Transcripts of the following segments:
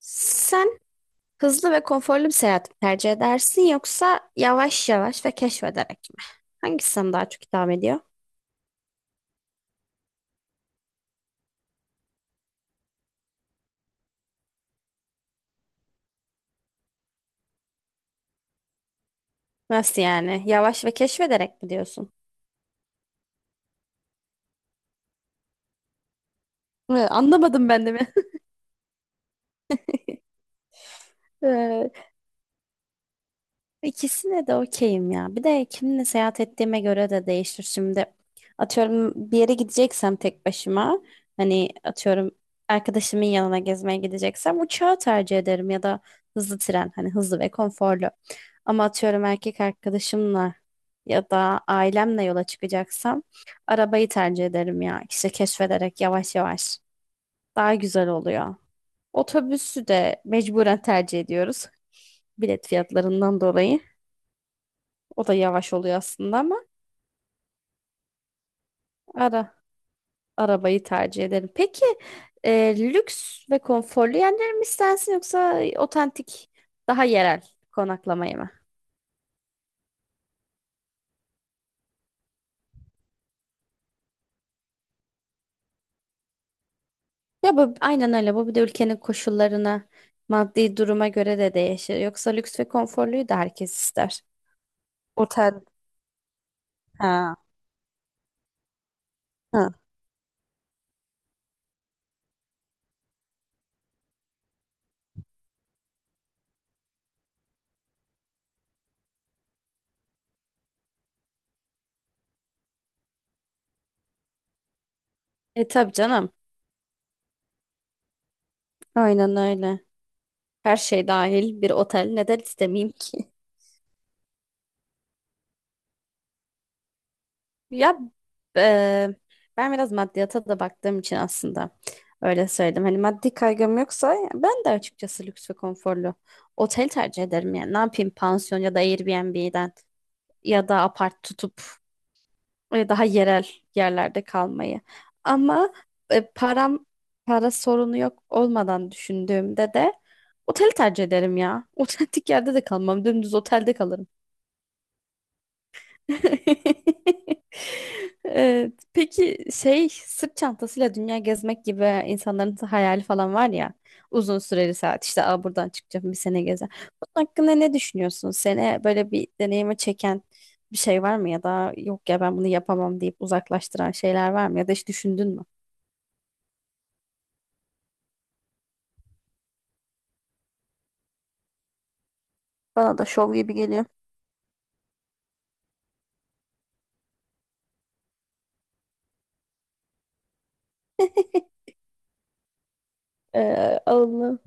Sen hızlı ve konforlu bir seyahat mi tercih edersin yoksa yavaş yavaş ve keşfederek mi? Hangisi sana daha çok hitap ediyor? Nasıl yani? Yavaş ve keşfederek mi diyorsun? Anlamadım ben de mi? İkisine de okeyim ya. Bir de kiminle seyahat ettiğime göre de değişir. Şimdi atıyorum bir yere gideceksem tek başıma hani atıyorum arkadaşımın yanına gezmeye gideceksem uçağı tercih ederim ya da hızlı tren hani hızlı ve konforlu. Ama atıyorum erkek arkadaşımla ya da ailemle yola çıkacaksam arabayı tercih ederim ya. İşte keşfederek yavaş yavaş daha güzel oluyor. Otobüsü de mecburen tercih ediyoruz bilet fiyatlarından dolayı. O da yavaş oluyor aslında ama ara arabayı tercih ederim. Peki lüks ve konforlu yerler mi istersin yoksa otantik daha yerel konaklamayı mı? Ya bu aynen öyle. Bu bir de ülkenin koşullarına, maddi duruma göre de değişir. Yoksa lüks ve konforluyu da herkes ister. Otel. Ha. Ha. E tabii canım. Aynen öyle. Her şey dahil bir otel neden istemeyeyim ki? Ya eee, ben biraz maddiyata da baktığım için aslında öyle söyledim. Hani maddi kaygım yoksa ben de açıkçası lüks ve konforlu otel tercih ederim. Yani ne yapayım pansiyon ya da Airbnb'den ya da apart tutup daha yerel yerlerde kalmayı. Ama param para sorunu yok olmadan düşündüğümde de oteli tercih ederim ya. Otentik yerde de kalmam. Dümdüz otelde kalırım. Evet. Peki şey sırt çantasıyla dünya gezmek gibi insanların hayali falan var ya uzun süreli saat işte Buradan çıkacağım bir sene gezer. Bunun hakkında ne düşünüyorsun? Seni böyle bir deneyime çeken bir şey var mı ya da yok ya ben bunu yapamam deyip uzaklaştıran şeyler var mı ya da hiç düşündün mü? Bana da şov gibi geliyor. Allah.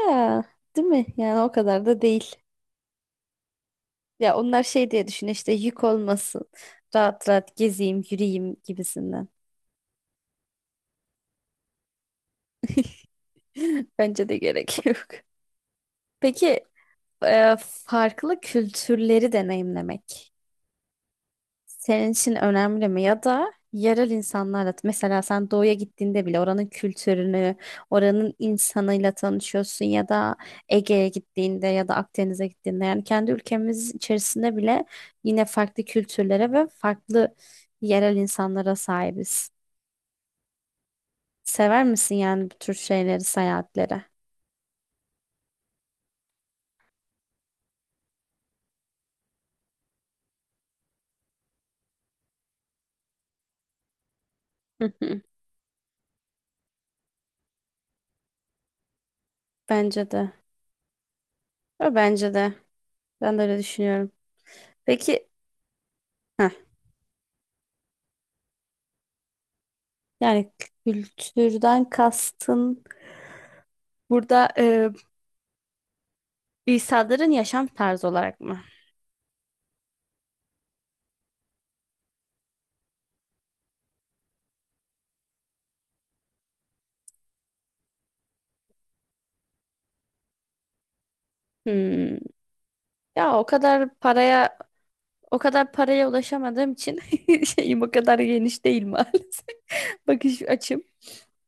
Ya, değil mi? Yani o kadar da değil. Ya onlar şey diye düşün işte yük olmasın. Rahat rahat gezeyim, yürüyeyim gibisinden. Bence de gerek yok. Peki farklı kültürleri deneyimlemek senin için önemli mi? Ya da yerel insanlarla mesela sen doğuya gittiğinde bile oranın kültürünü, oranın insanıyla tanışıyorsun ya da Ege'ye gittiğinde ya da Akdeniz'e gittiğinde yani kendi ülkemiz içerisinde bile yine farklı kültürlere ve farklı yerel insanlara sahibiz. Sever misin yani bu tür şeyleri, seyahatlere? Hı hı. Bence de. Ve bence de. Ben de öyle düşünüyorum. Peki, heh, yani kültürden kastın burada insanların yaşam tarzı olarak mı? Hmm. Ya o kadar paraya ulaşamadığım için şeyim o kadar geniş değil maalesef. Bakış açım.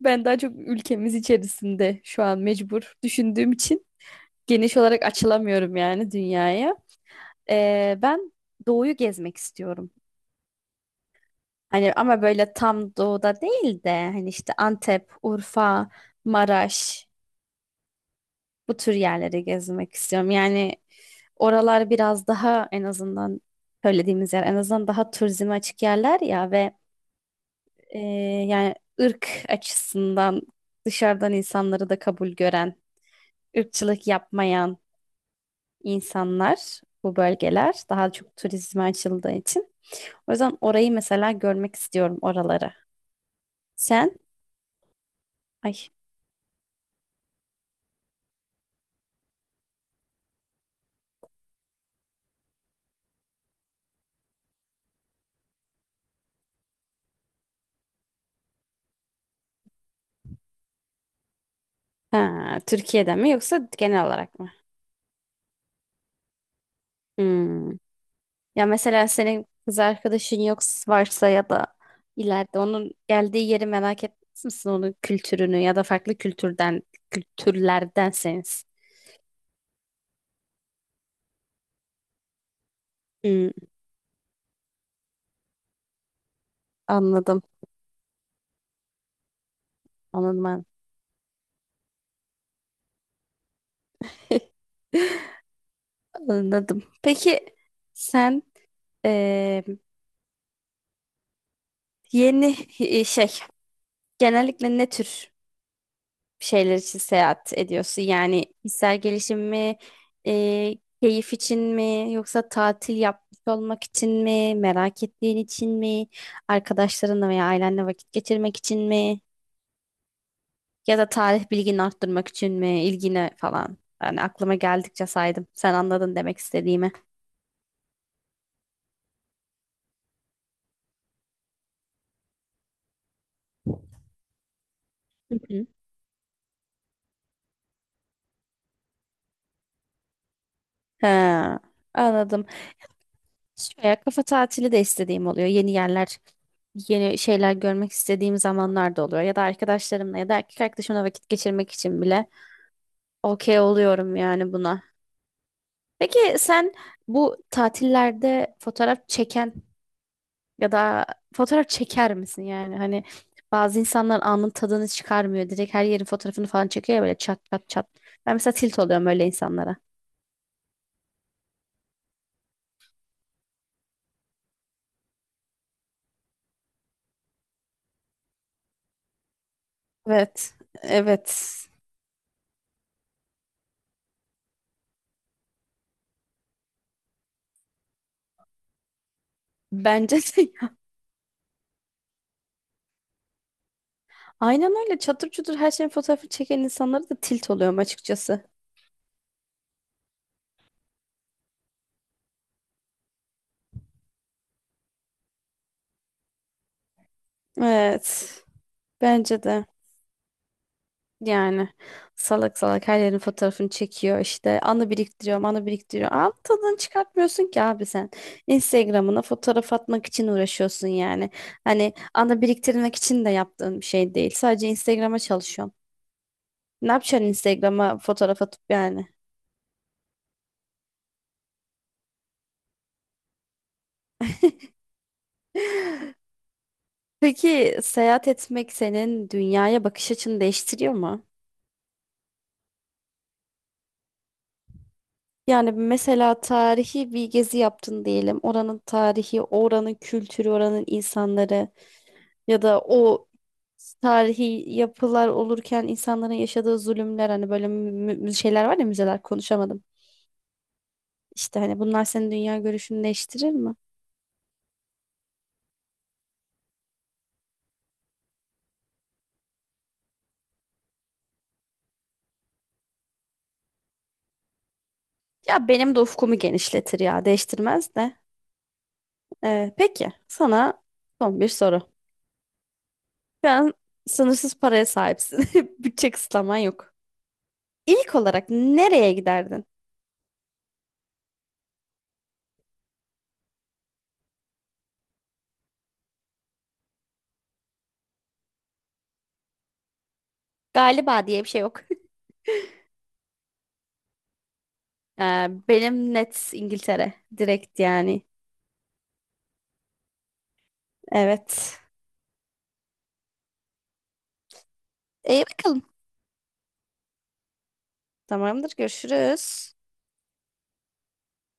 Ben daha çok ülkemiz içerisinde şu an mecbur düşündüğüm için geniş olarak açılamıyorum yani dünyaya. Ben doğuyu gezmek istiyorum. Hani ama böyle tam doğuda değil de hani işte Antep, Urfa, Maraş bu tür yerleri gezmek istiyorum. Yani oralar biraz daha en azından söylediğimiz yer en azından daha turizme açık yerler ya ve e, yani ırk açısından dışarıdan insanları da kabul gören, ırkçılık yapmayan insanlar bu bölgeler daha çok turizme açıldığı için. O yüzden orayı mesela görmek istiyorum oraları. Sen? Ay. Ha, Türkiye'den mi yoksa genel olarak mı? Hmm. Ya mesela senin kız arkadaşın yoksa varsa ya da ileride onun geldiği yeri merak etmez misin? Onun kültürünü ya da farklı kültürden kültürlerdenseniz. Hmm, anladım. Anladım. Ben. Anladım. Peki sen eee, yeni şey genellikle ne tür bir şeyler için seyahat ediyorsun? Yani kişisel gelişim mi, keyif için mi, yoksa tatil yapmış olmak için mi, merak ettiğin için mi, arkadaşlarınla veya ailenle vakit geçirmek için mi, ya da tarih bilgini arttırmak için mi, ilgine falan. Yani aklıma geldikçe saydım. Sen anladın demek istediğimi. Hı hı. Ha, anladım. Şöyle kafa tatili de istediğim oluyor. Yeni yerler, yeni şeyler görmek istediğim zamanlar da oluyor. Ya da arkadaşlarımla ya da erkek arkadaşımla vakit geçirmek için bile okey oluyorum yani buna. Peki sen bu tatillerde fotoğraf çeken ya da fotoğraf çeker misin yani? Hani bazı insanlar anın tadını çıkarmıyor. Direkt her yerin fotoğrafını falan çekiyor ya böyle çat çat çat. Ben mesela tilt oluyorum öyle insanlara. Evet, evet. Bence de. Aynen öyle çatır çutur her şeyin fotoğrafı çeken insanlara da tilt oluyorum açıkçası. Evet. Bence de. Yani salak salak her yerin fotoğrafını çekiyor işte anı biriktiriyor anı biriktiriyor. Al tadını çıkartmıyorsun ki abi sen. Instagram'ına fotoğraf atmak için uğraşıyorsun yani. Hani anı biriktirmek için de yaptığın bir şey değil. Sadece Instagram'a çalışıyorsun. Ne yapacaksın Instagram'a fotoğraf atıp yani? Peki seyahat etmek senin dünyaya bakış açını değiştiriyor mu? Yani mesela tarihi bir gezi yaptın diyelim. Oranın tarihi, oranın kültürü, oranın insanları ya da o tarihi yapılar olurken insanların yaşadığı zulümler hani böyle şeyler var ya müzeler konuşamadım. İşte hani bunlar senin dünya görüşünü değiştirir mi? Ya benim de ufkumu genişletir ya değiştirmez de. Peki sana son bir soru. Şu an sınırsız paraya sahipsin. Bütçe kısıtlaman yok. İlk olarak nereye giderdin? Galiba diye bir şey yok. Benim net İngiltere. Direkt yani. Evet. İyi bakalım. Tamamdır. Görüşürüz.